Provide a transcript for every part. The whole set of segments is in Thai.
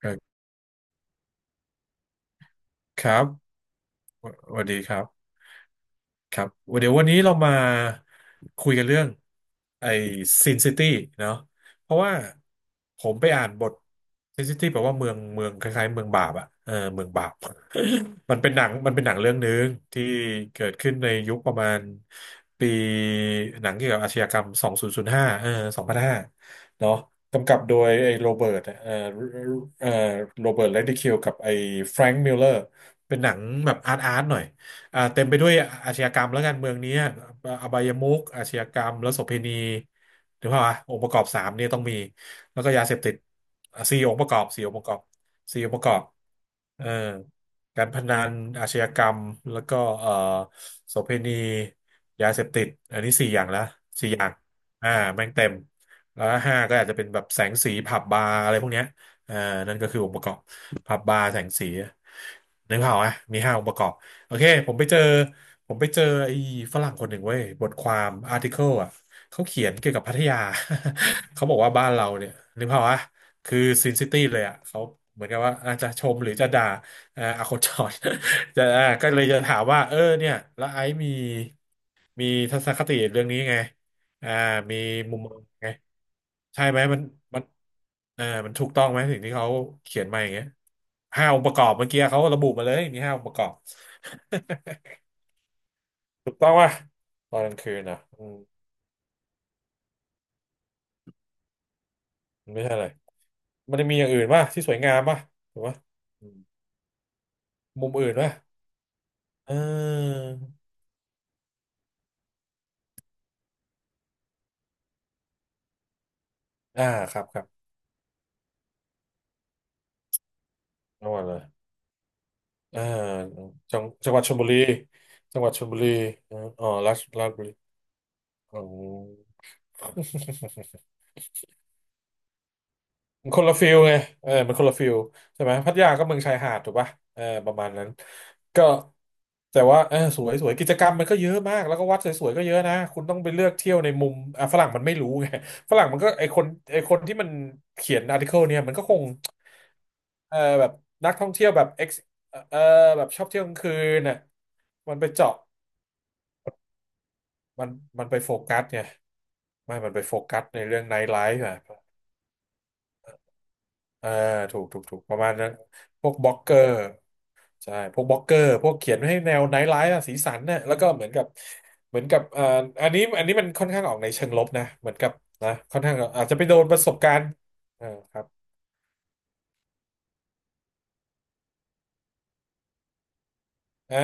เอ่อครับสวัสดีครับ ครับเดี๋ยววันนี้เรามาคุยกันเรื่องไอ้ซินซิตี้เนาะเพราะว่าผมไปอ่านบทซินซิตี้แปลว่าเมืองเมืองคล้ายๆเมืองบาปอะเออเมืองบาป มันเป็นหนังเรื่องหนึ่งที่เกิดขึ้นในยุคประมาณปีหนังเกี่ยวกับอาชญากรรม2005เออสองพันห้าเนาะกำกับโดยไอ้โรเบิร์ตเออโรเบิร์ตเรดดิคิวกับไอ้แฟรงค์มิลเลอร์เป็นหนังแบบอาร์ตอาร์ตหน่อย อ่าเต็มไปด้วยอาชญากรรมและการเมืองเนี้ยอบายมุขอาชญากรรมและโสเภณีถูกป่าวะองค์ประกอบสามเนี่ยต้องมีแล้วก็ยาเสพติดอ่ะสี่องค์ประกอบสี่องค์ประกอบสี่องค์ประกอบเอ่อการพนันอาชญากรรมแล้วก็โสเภณียาเสพติดอันนี้สี่อย่างละสี่อย่างอ่าแม่งเต็มแล้วห้าก็อาจจะเป็นแบบแสงสีผับบาร์อะไรพวกเนี้ยอ่านั่นก็คือองค์ประกอบผับบาร์แสงสีนึกภาพอ่ะมีห้าองค์ประกอบ โอเคผมไปเจอไอ้ฝรั่งคนหนึ่งเว้ยบทความอาร์ติเคิลอ่ะเขาเขียนเกี่ยวกับพัทยา เขาบอกว่าบ้านเราเนี่ยนึกภาพวะคือซินซิตี้เลยอ่ะเขาเหมือนกับว่าอาจจะชมหรือจะด่าอโคนจอ จะอ่าก็เลยจะถามว่าเออเนี่ยแล้วไอซ์มีมีทัศนคติเรื่องนี้ไงอ่ามีมุมมองไงใช่ไหมมันเออมันถูกต้องไหมสิ่งที่เขาเขียนมาอย่างเงี้ยห้าองค์ประกอบเมื่อกี้เขาระบุมาเลยมีห้าองค์ประกอบ ถูกต้องป่ะตอนกลางคืนนะอืมมันไม่ใช่อะไรมันจะมีอย่างอื่นป่ะที่สวยงามป่ะถูกป่ะอืมมุมอื่นป่ะเอออ่าครับครับจังหวัดเลยเออจังหวัดชลบุรีจังหวัดชลบุรีออ๋อราชบุรีอ๋อ มันคนละฟิลไงเออมันคนละฟิลใช่ไหมพัทยาก็เมืองชายหาดถูกป่ะเออประมาณนั้นก็แต่ว่าเออสวยสวยกิจกรรมมันก็เยอะมากแล้วก็วัดสวยๆก็เยอะนะคุณต้องไปเลือกเที่ยวในมุมอ่ะฝรั่งมันไม่รู้ไง ฝรั่งมันก็ไอคนไอคนที่มันเขียนอาร์ติเคิลเนี่ยมันก็คงเออแบบนักท่องเที่ยวแบบ ex เออแบบชอบเที่ยวกลางคืนน่ะมันไปเจาะมันมันไปโฟกัสไงไม่มันไปโฟกัสในเรื่องไนท์ไลฟ์อ่ะเออถูกถูกถูกประมาณนั้นพวกบล็อกเกอร์ ใช่ พวกบล็อกเกอร์ พวกเขียนให้แนวไนท์ไลฟ์อะสีสันน่ะแล้วก็เหมือนกับเหมือนกับอันนี้มันค่อนข้างออกในเชิงลบนะ เหมือนกับนะค่อนข้างอาจจะไปโดนประสบการณ์เออครับ อ่า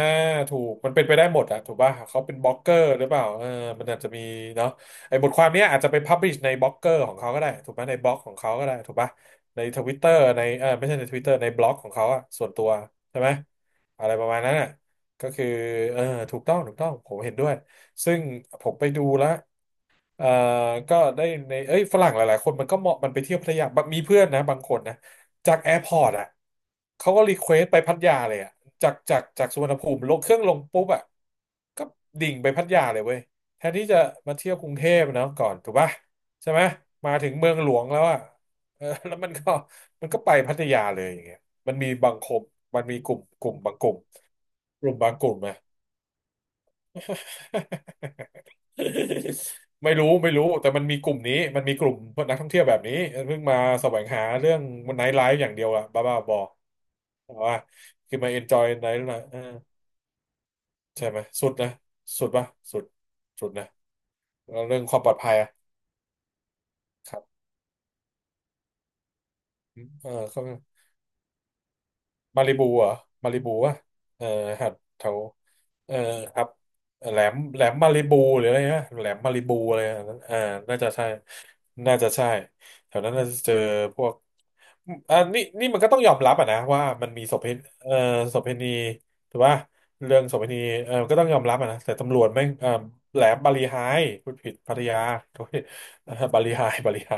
ถูกมันเป็นไปได้หมดอะถูกป่ะเขาเป็นบล็อกเกอร์หรือเปล่าเออมันอาจจะมีเนาะไอ้บทความเนี้ยอาจจะไปพับลิชในบล็อกเกอร์ของเขาก็ได้ถูกไหมในบล็อกของเขาก็ได้ถูกป่ะในทวิตเตอร์ในเออไม่ใช่ในทวิตเตอร์ในบล็อกของเขาอะส่วนตัวใช่ไหมอะไรประมาณนั้นอะก็คือเออถูกต้องถูกต้องผมเห็นด้วยซึ่งผมไปดูแล้ว เอ่อก็ได้ในเอ้ยฝรั่งหลายๆคนมันก็เหมาะมันไปเที่ยวพัทยาบางมีเพื่อนนะบางคนนะจากแอร์พอร์ตอ่ะเขาก็รีเควสไปพัทยาเลยอ่ะจากสุวรรณภูมิลงเครื่องลงปุ๊บอ่ะก็ดิ่งไปพัทยาเลยเว้ยแทนที่จะมาเที่ยวกรุงเทพเนาะก่อนถูกป่ะใช่ไหมมาถึงเมืองหลวงแล้วอ่ะเออ แล้วมันก็ไปพัทยาเลยอย่างเงี้ยมันมีบางคมมันมีกลุ่มกลุ่มบางกลุ่มกลุ่มบางกลุ่มนะ ไม่รู้ไม่รู้แต่มันมีกลุ่มนี้มันมีกลุ่มนักท่องเที่ยวแบบนี้เพิ่งมาแสวงหาเรื่องไนท์ไลฟ์อย่างเดียวอะบ้าบ้าบอแต่ว่าคือมาเอนจอยไนท์นะเออใช่ไหมสุดนะสุดปะสุดสุดนะแล้วเรื่องความปลอดภัยอะครับเออเขา มาริบูเหรอ่ะมาริบูวะเออหัดแถวเออครับแหลมมาริบูหรืออะไรนะแหลมมาริบูอะไรอ่ะเออน่าจะใช่น่าจะใช่แถวนั้นน่าจะเจอพวกนี่มันก็ต้องยอมรับอ่ะนะว่ามันมีโสเภณเออโสเภณีถูกป่ะเรื่องโสเภณีเออก็ต้องยอมรับอะนะแต่ตำรวจแม่งเออแหลมบาลีไฮพูดผิดพัทยาโทษที เออบาลีไฮบาลีไฮ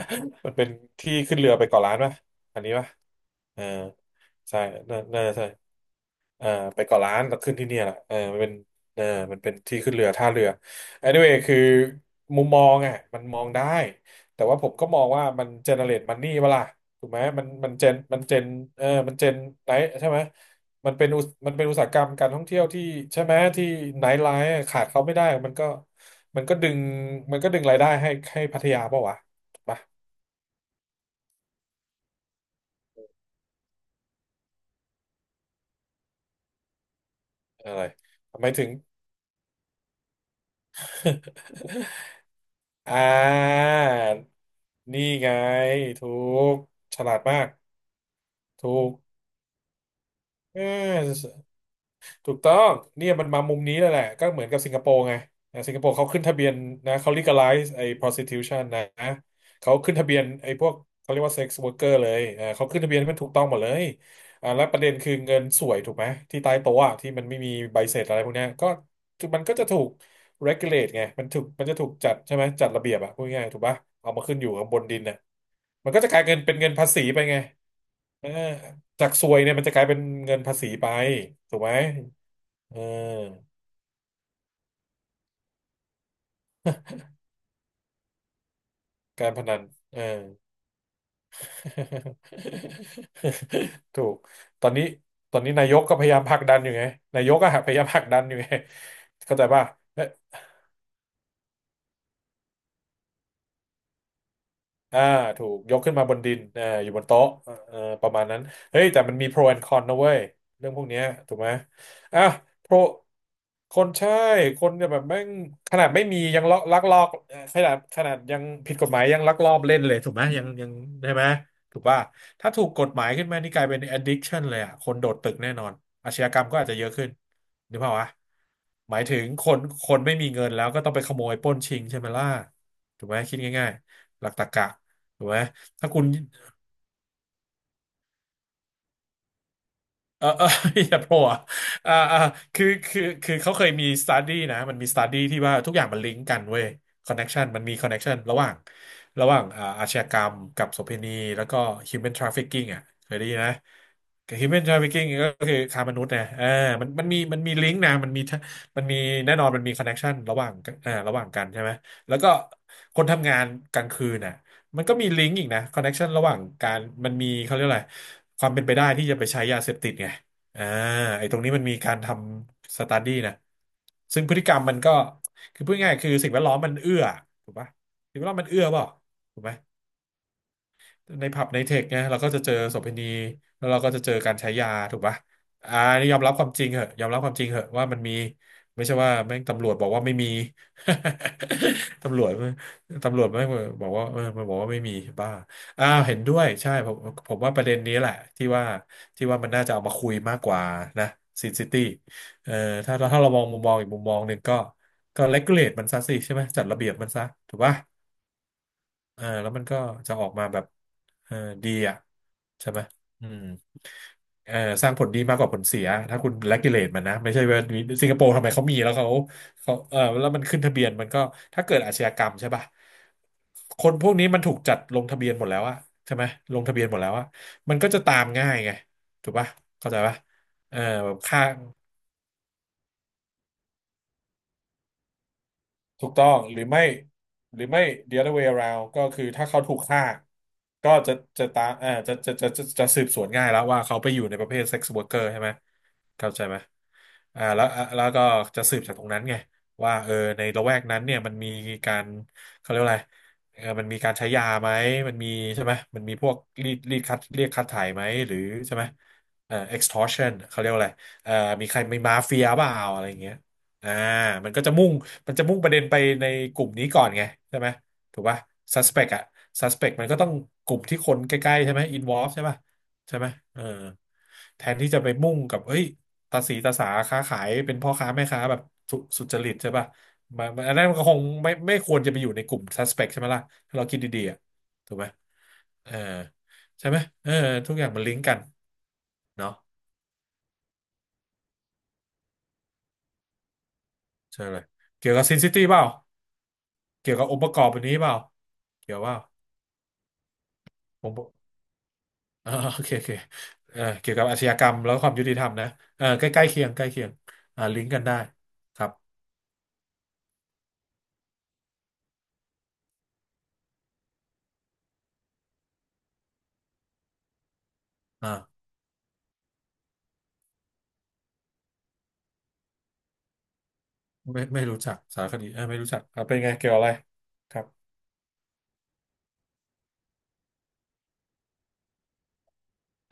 มันเป็นที่ขึ้นเรือไปเกาะล้านป่ะอันนี้ป่ะเออ ใช่น่าจะใช่อ่าไปเกาะล้านแล้วขึ้นที่เนี่ยแหละเออมันเป็นเออมันเป็นที่ขึ้นเรือท่าเรือ anyway คือมุมมองอ่ะมันมองได้ แต่ว่าผมก็มองว่ามันเจเนเรตมันนี่เปะล่าถูกไหมมันเจนมันเจนเออมันเจนไหนใช่ไหมมันเป็นอุตมันเป็นอุตสาหกรรมการท่องเที่ยวที่ใช่ไหมที่ไนท์ไลฟ์ขาดเขาไม่ได้มันก็มันก็ดึงมันก็ดึงรายได้ให้ให้พัทยาเปล่าวะถูกปะอะไรทำไมถึง อ่านี่ไงถูกฉลาดมากถูกเออถูกต้องเนี่ยมันมามุมนี้แล้วแหละก็เหมือนกับสิงคโปร์ไงอ่าสิงคโปร์เขาขึ้นทะเบียนนะเขา legalize ไอ้ prostitution นะเขาขึ้นทะเบียนไอ้พวกเขาเรียกว่า sex worker เลยอ่าเขาขึ้นทะเบียนให้มันถูกต้องหมดเลยอ่าแล้วประเด็นคือเงินสวยถูกไหมที่ใต้โต๊ะอะที่มันไม่มีใบเสร็จอะไรพวกเนี้ยก็มันก็จะถูก regulate ไงมันถูกมันจะถูกจัดใช่ไหมจัดระเบียบอะพูดง่ายๆถูกปะเอามาขึ้นอยู่ข้างบนดินน่ะ มันก็จะกลายเป็นเป็นเงินภาษีไปไงเออจากซวยเนี่ยมันจะกลายเป็นเงินภาษีไปถูกไหมเออการพนันเออ ถูกตอนนี้ตอนนี้นายกก็พยายามผลักดันอยู่ไงนายกก็พยายามผลักดันอยู่ไงเข้าใจป่ะ อ่าถูกยกขึ้นมาบนดินอ่าอยู่บนโต๊ะเอ่อประมาณนั้นเฮ้ยแต่มันมี pro and con นะเว้ยเรื่องพวกเนี้ยถูกไหมอ่ะ pro คนใช่คนเนี่ยแบบแม่งขนาดไม่มียังลอกลักลอบขนาดยังผิดกฎหมายยังลักลอบเล่นเลยถูกไหมยังใช่ไหมถูกป่ะถ้าถูกกฎหมายขึ้นมานี่กลายเป็น addiction เลยอ่ะคนโดดตึกแน่นอนอาชญากรรมก็อาจจะเยอะขึ้นนึกภาพวะหมายถึงคนไม่มีเงินแล้วก็ต้องไปขโมยปล้นชิงใช่ไหมล่ะถูกไหมคิดง่ายๆหลักตรรกะ ถูกไหมถ้าคุณเออ อย่าโผล่อะอ่าอ่าคือเขาเคยมีสต u d ดี้นะมันมีสต u d ดี้ที่ว่าทุกอย่างมันลิงก์กันเว้ยคอนเน็ชันมันมีคอนเน็ชันระหว่างอ่าอาชญากรรมกับโสเภณีแล้วก็ human trafficking อ่ะเคยได้ยินนะ human trafficking ก็คือค้ามนุษย์นะเออมันมีมันลิงก์นะมันมีมันมีแน่นอนมันมีคอนเน็ชันระหว่างอ่าระหว่างกันใช่ไหมแล้วก็คนทำงานกลางคืนน่ะ มันก็มีลิงก์อีกนะคอนเน็กชันระหว่างการมันมีเขาเรียกอะไรความเป็นไปได้ที่จะไปใช้ยาเสพติดไงอ่าไอ้ตรงนี้มันมีการทำสต u d ดี้นะซึ่งพฤติกรรมมันก็คือพูดง่ายๆคือสิ่งแวดล้อมมันเอื้อถูกปะสิ่งแวดล้อมมันเอื้อเปล่าถูกไหม ในผับในเทคเนี่ยเราก็จะเจอโสเภณีแล้วเราก็จะเจอการใช้ยาถูกปะอ่าอันนี้ยอมรับความจริงเหอะยอมรับความจริงเหอะว่ามันมีไม่ใช่ว่าแม่งตำรวจบอกว่าไม่มี ตำรวจตำรวจแม่งบอกว่าเออมันบอกว่าไม่มีบ้าอ้าวเห็นด้วยใช่ผมผมว่าประเด็นนี้แหละที่ว่าที่ว่ามันน่าจะเอามาคุยมากกว่านะซิตี้เอ่อถ้าเรามองมุมมองอีกมุมมองหนึ่งก็ก็เลกูเลตมันซะสิใช่ไหมจัดระเบียบมันซะถูกปะ เออแล้วมันก็จะออกมาแบบเออดีอ่ะใช่ไหมอืมเออสร้างผลดีมากกว่าผลเสียถ้าคุณ regulate มันนะไม่ใช่ว่าสิงคโปร์ทำไมเขามีแล้วเขาเขาเออแล้วมันขึ้นทะเบียนมันก็ถ้าเกิดอาชญากรรมใช่ป่ะคนพวกนี้มันถูกจัดลงทะเบียนหมดแล้วอะใช่ไหมลงทะเบียนหมดแล้วอะมันก็จะตามง่ายไงถูกป่ะเข้าใจป่ะเออแบบค่า ถูกต้องหรือไม่หรือไม่ the other way around ก็คือถ้าเขาถูกฆ่าก็จะจะตามจะสืบสวนง่ายแล้วว่าเขาไปอยู่ในประเภท sex worker ใช่ไหมเข้าใจไหมแล้วก็จะสืบจากตรงนั้นไงว่าเออในละแวกนั้นเนี่ยมันมีการเขาเรียกว่าอะไรเออมันมีการใช้ยาไหมมันมีใช่ไหมมันมีพวกรีดคัดเรียกคัดถ่ายไหมหรือใช่ไหมextortion เขาเรียกว่าอะไรเอ่อมีใครมีมาเฟียเปล่าอะไรอย่างเงี้ยอ่ามันก็จะมุ่ง มันจะมุ่งประเด็นไปในกลุ่มนี้ก่อนไงใช่ไหมถูกป่ะ suspect อะ suspect มันก็ต้องกลุ่มที่คนใกล้ๆใช่ไหม involve ใช่ป่ะใช่ไหมเออแทนที่จะไปมุ่งกับเฮ้ยตาสีตาสาค้าขายเป็นพ่อค้าแม่ค้าแบบสุจริตใช่ป่ะมันอันนั้นมันก็คงไม่ควรจะไปอยู่ในกลุ่ม suspect ใช่ไหมล่ะถ้าเราคิดดีๆอะถูกไหมเออใช่ไหมเออทุกอย่างมันลิงก์กันเนาะใช่เลยเกี่ยวกับซินซิตี้เปล่าเกี่ยวกับองค์ประกอบอันนี้เปล่าเกี่ยวเปล่า อ่าโอเคโอเคเกี่ยวกับอาชญากรรมแล้วความยุติธรรมนะใกล้ใกล้เคียงใกล้เคียงอ่าลิงก์กันได้ครับอ่าไม่รู้จักสารคดีเอ่าไม่รู้จักอ่าเป็นไงเกี่ยวอะไรครับ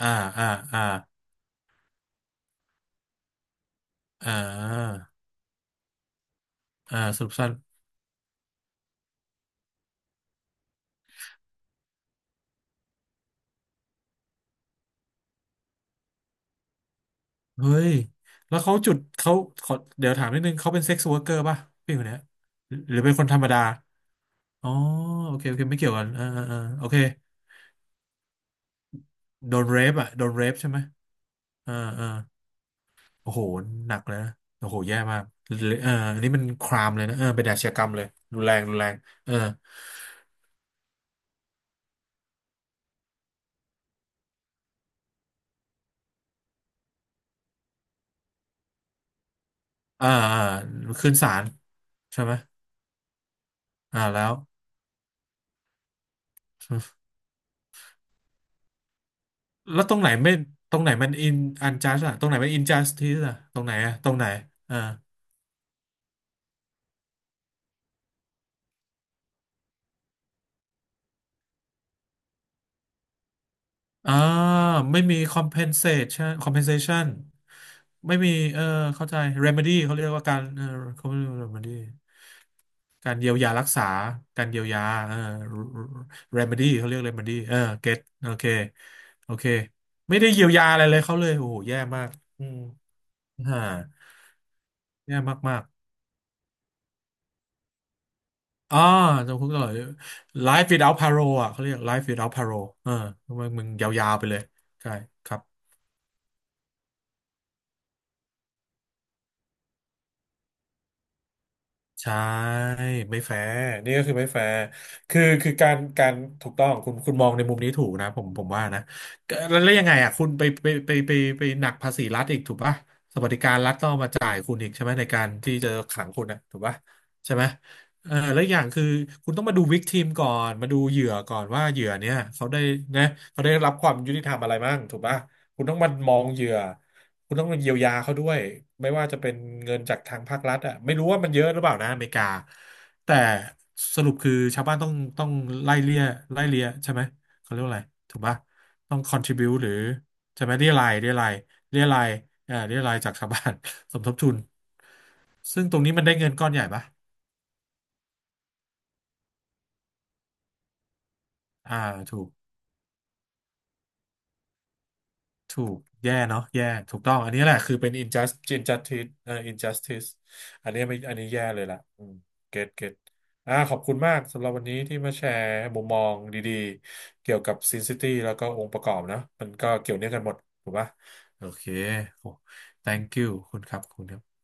อ่าอ่าอ่าอ่าอ่าสรุปสั้นเฮ้ยแล้วเขาจุดเขาขอเดี๋ยวถามนิดนึงเขาเป็นเซ็กซ์ว k ร์เกอร์ป่ะพี่คนเนี้ยหรือเป็นคนธรรมดาอ๋อโอเคโอเคไม่เกี่ยวกันอ่าอ่าอ่าโอเคโดนเรฟอ่ะโดนเรฟใช่ไหมอ่าอ่า โอ้โห หนักเลยนะโอ้โห แย่มากเอออันนี้มันครามเลยนะเออเป็นอาชญากรรมเลยรุนแรงรุนแรงเอออ่าอ่าขึ้นศาลใช่ไหมอ่าแล้ว แล้วตรงไหนไม่ ตรงไหนมันอินอันจัสอะตรงไหนมันอินจัสทีสอะตรงไหนอะตรงไหน อ่าอ่าไม่มี compensation ไม่มีเออเข้าใจ remedy เขาเรียกว่าการเขาเรียกว่า remedy การเยียวยารักษาการเยียวยาเออ remedy เขาเรียก remedy เออ get โอเคโอเคไม่ได้เยียวยาอะไรเลยเขาเลยโอ้โหแย่มากอืมฮ่าแย่มากๆอ๋อจำคุกตลอด life without parole อ่ะเขาเรียก life without parole เออทำไมมึงยาวๆไปเลยใช่ครับ ใช่ไม่แฟร์นี่ก็คือไม่แฟร์คือคือการการถูกต้องคุณคุณมองในมุมนี้ถูกนะผมว่านะก็แล้วยังไงอ่ะคุณไปหนักภาษีรัฐอีกถูกปะสวัสดิการรัฐต้องเอามาจ่ายคุณอีกใช่ไหมในการที่จะขังคุณนะถูกปะใช่ไหมเออแล้วอย่างคือคุณต้องมาดูวิกทีมก่อนมาดูเหยื่อก่อนว่าเหยื่อเนี่ยเขาได้นะเขาได้รับความยุติธรรมอะไรบ้างถูกปะคุณต้องมามองเหยื่อ คุณต้องเยียวยาเขาด้วยไม่ว่าจะเป็นเงินจากทางภาครัฐอ่ะไม่รู้ว่ามันเยอะหรือเปล่านะอเมริกาแต่สรุปคือชาวบ้านต้องไล่เลี่ยไล่เลี่ยใช่ไหมเขาเรียกว่าอะไรถูกปะต้อง contribute หรือใช่ไหมเรียรายเรียรายจากชาวบ้าน สมทบทุนซึ่งตรงนี้มันได้เงินก้อนใหญ่ปะอ่าถูก ถูกแย่เนาะแย่ถูกต้องอันนี้แหละคือเป็น injustice injustice อันนี้ไม่อันนี้แย่เลยล่ะอืมเก็ตเก็ตอ่าขอบคุณมากสำหรับวันนี้ที่มาแชร์มุมมองดีๆเกี่ยวกับ Sin City แล้วก็องค์ประกอบนะมันก็เกี่ยวเนื่องกันหมดถูกปะโอเคโอ้ thank you ขอบคุณครับขอบคุณครับ